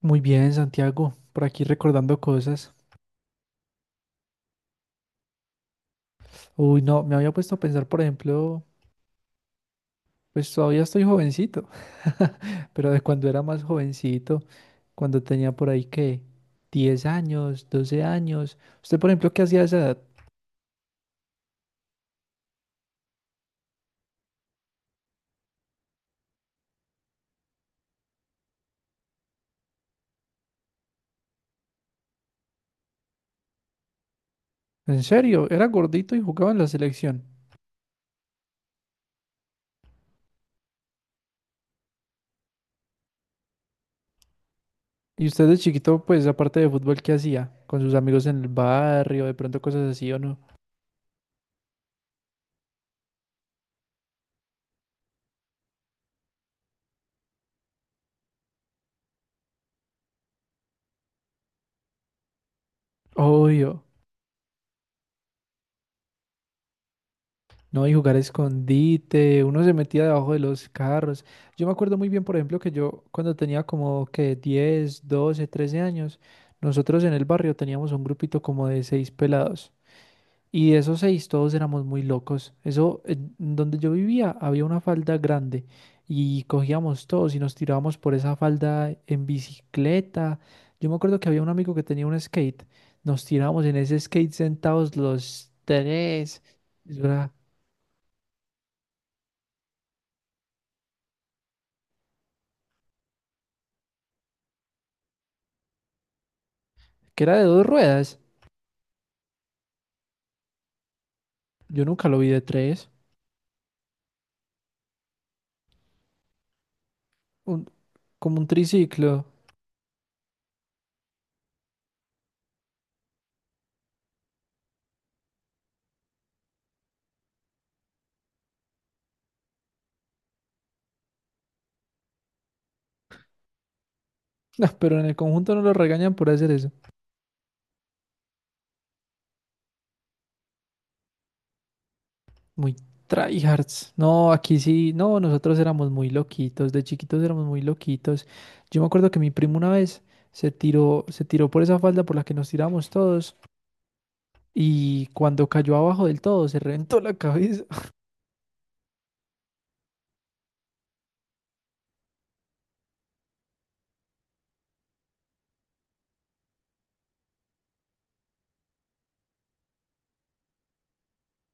Muy bien, Santiago, por aquí recordando cosas. Uy, no, me había puesto a pensar, por ejemplo, pues todavía estoy jovencito, pero de cuando era más jovencito, cuando tenía por ahí que 10 años, 12 años. Usted, por ejemplo, ¿qué hacía a esa edad? En serio, era gordito y jugaba en la selección. Y usted de chiquito, pues aparte de fútbol, ¿qué hacía? Con sus amigos en el barrio, de pronto cosas así o no. Obvio. No, y jugar a escondite, uno se metía debajo de los carros. Yo me acuerdo muy bien, por ejemplo, que yo cuando tenía como que 10, 12, 13 años, nosotros en el barrio teníamos un grupito como de seis pelados. Y de esos seis todos éramos muy locos. Eso, en donde yo vivía había una falda grande y cogíamos todos y nos tirábamos por esa falda en bicicleta. Yo me acuerdo que había un amigo que tenía un skate. Nos tirábamos en ese skate sentados los tres. Eso era que era de dos ruedas. Yo nunca lo vi de tres, un- como un triciclo. No, pero en el conjunto no lo regañan por hacer eso. Muy tryhards. No, aquí sí, no, nosotros éramos muy loquitos, de chiquitos éramos muy loquitos. Yo me acuerdo que mi primo una vez se tiró por esa falda por la que nos tiramos todos y cuando cayó abajo del todo se reventó la cabeza.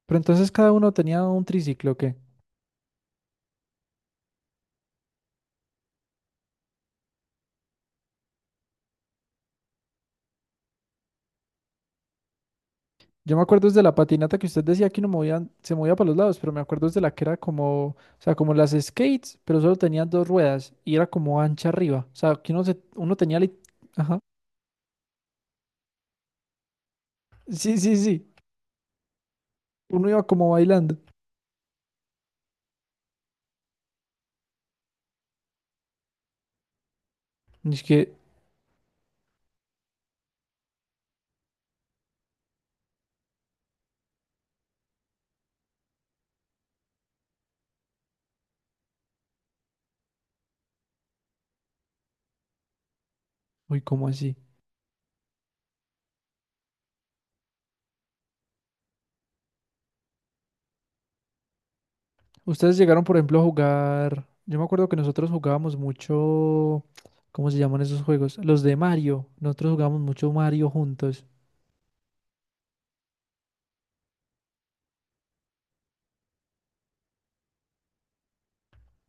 Pero entonces cada uno tenía un triciclo, ¿o qué? Yo me acuerdo desde la patinata que usted decía que no movían, se movía para los lados, pero me acuerdo desde la que era como, o sea, como las skates, pero solo tenían dos ruedas y era como ancha arriba. O sea, que uno, se, uno tenía. Ajá. Sí, sí, sí. Uno iba como bailando. Y es que, uy, ¿cómo así? Ustedes llegaron, por ejemplo, a jugar... Yo me acuerdo que nosotros jugábamos mucho... ¿Cómo se llaman esos juegos? Los de Mario. Nosotros jugábamos mucho Mario juntos.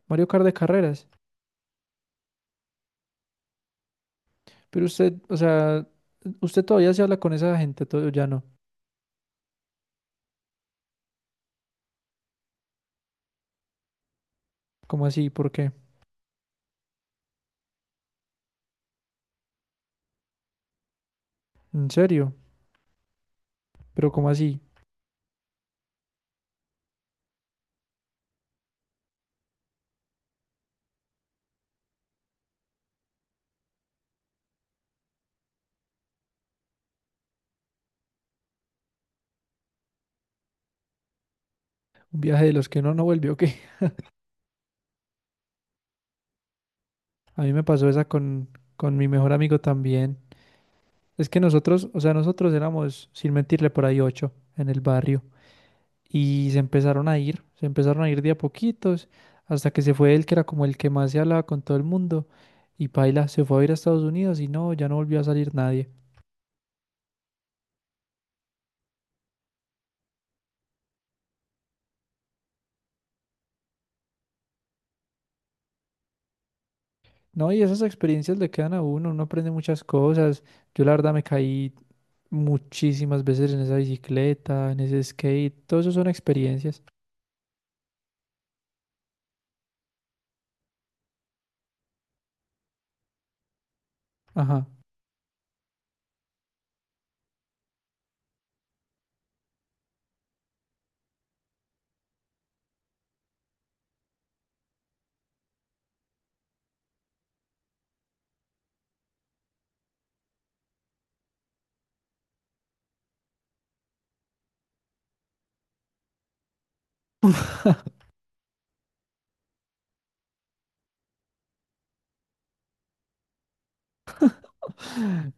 Mario Kart de carreras. Pero usted, o sea, usted todavía se habla con esa gente, todo ya no. ¿Cómo así? ¿Por qué? ¿En serio? ¿Pero cómo así? ¿Un viaje de los que uno no vuelve o qué? A mí me pasó esa con, mi mejor amigo también. Es que nosotros, o sea, nosotros éramos, sin mentirle, por ahí ocho en el barrio. Y se empezaron a ir de a poquitos, hasta que se fue él, que era como el que más se hablaba con todo el mundo. Y paila, se fue a ir a Estados Unidos y no, ya no volvió a salir nadie. No, y esas experiencias le quedan a uno, uno aprende muchas cosas. Yo la verdad me caí muchísimas veces en esa bicicleta, en ese skate, todo eso son experiencias. Ajá.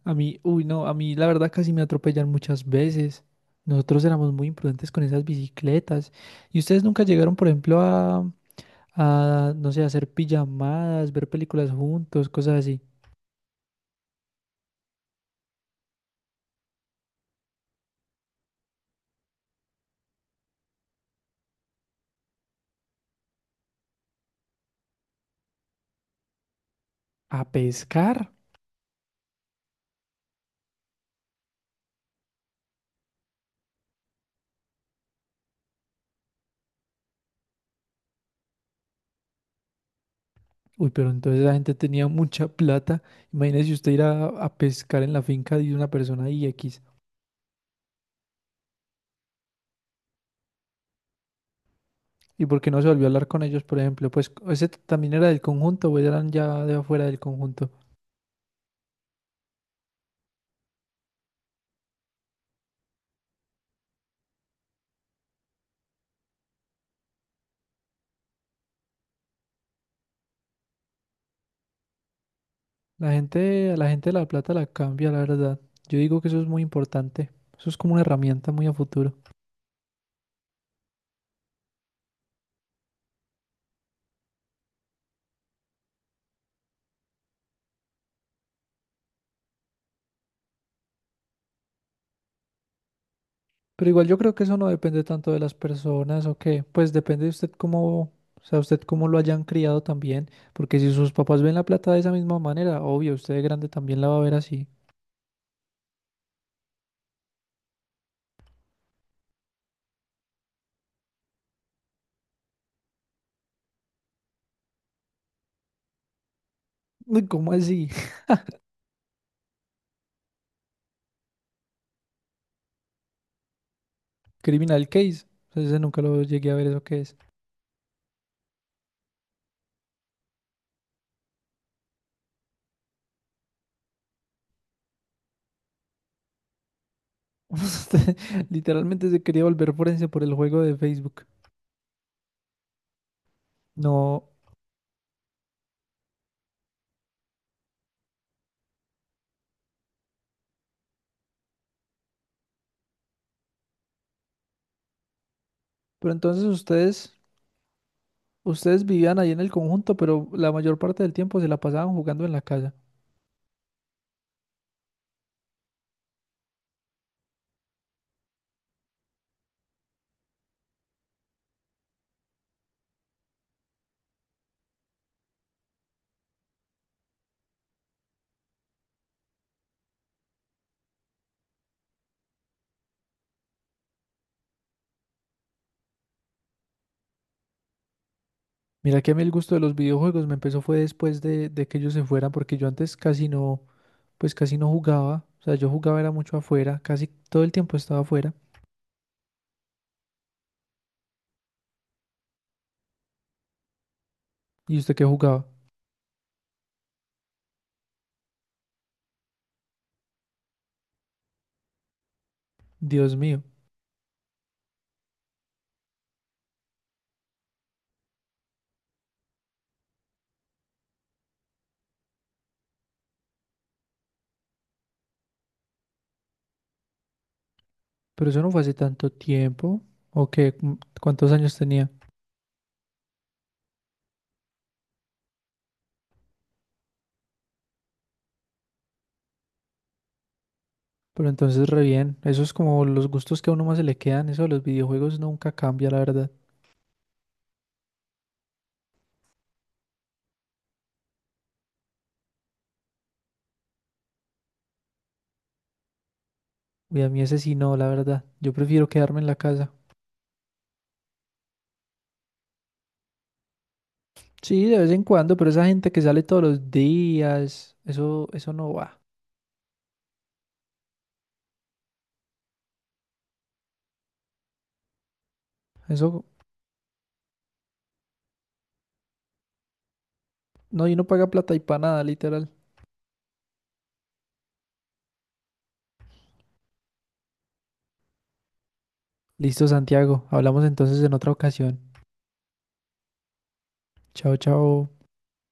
A mí, uy, no, a mí la verdad casi me atropellan muchas veces. Nosotros éramos muy imprudentes con esas bicicletas. ¿Y ustedes nunca llegaron, por ejemplo, no sé, a hacer pijamadas, ver películas juntos, cosas así? ¿A pescar? Uy, pero entonces la gente tenía mucha plata. Imagínese usted ir a pescar en la finca de una persona y X. ¿Y por qué no se volvió a hablar con ellos, por ejemplo? Pues ese también era del conjunto, o eran ya de afuera del conjunto. La gente, a la gente de La Plata la cambia, la verdad. Yo digo que eso es muy importante. Eso es como una herramienta muy a futuro. Pero igual yo creo que eso no depende tanto de las personas o qué. Pues depende de usted cómo, o sea, usted cómo lo hayan criado también. Porque si sus papás ven La Plata de esa misma manera, obvio, usted de grande también la va a ver así. Uy, ¿cómo así? Criminal Case. O sea, ese nunca lo llegué a ver, ¿eso qué es? Literalmente se quería volver forense por el juego de Facebook. No, pero entonces ustedes, ustedes vivían ahí en el conjunto, pero la mayor parte del tiempo se la pasaban jugando en la casa. Mira que a mí el gusto de los videojuegos me empezó fue después de que ellos se fueran, porque yo antes casi no, pues casi no jugaba. O sea, yo jugaba era mucho afuera, casi todo el tiempo estaba afuera. ¿Y usted qué jugaba? Dios mío, pero eso no fue hace tanto tiempo. ¿O qué? Cuántos años tenía? Pero entonces re bien, eso es como los gustos que a uno más se le quedan, eso de los videojuegos nunca cambia, la verdad. Y a mí ese sí no, la verdad. Yo prefiero quedarme en la casa. Sí, de vez en cuando, pero esa gente que sale todos los días, eso no va. Eso, no, y no paga plata y para nada, literal. Listo, Santiago, hablamos entonces en otra ocasión. Chao, chao.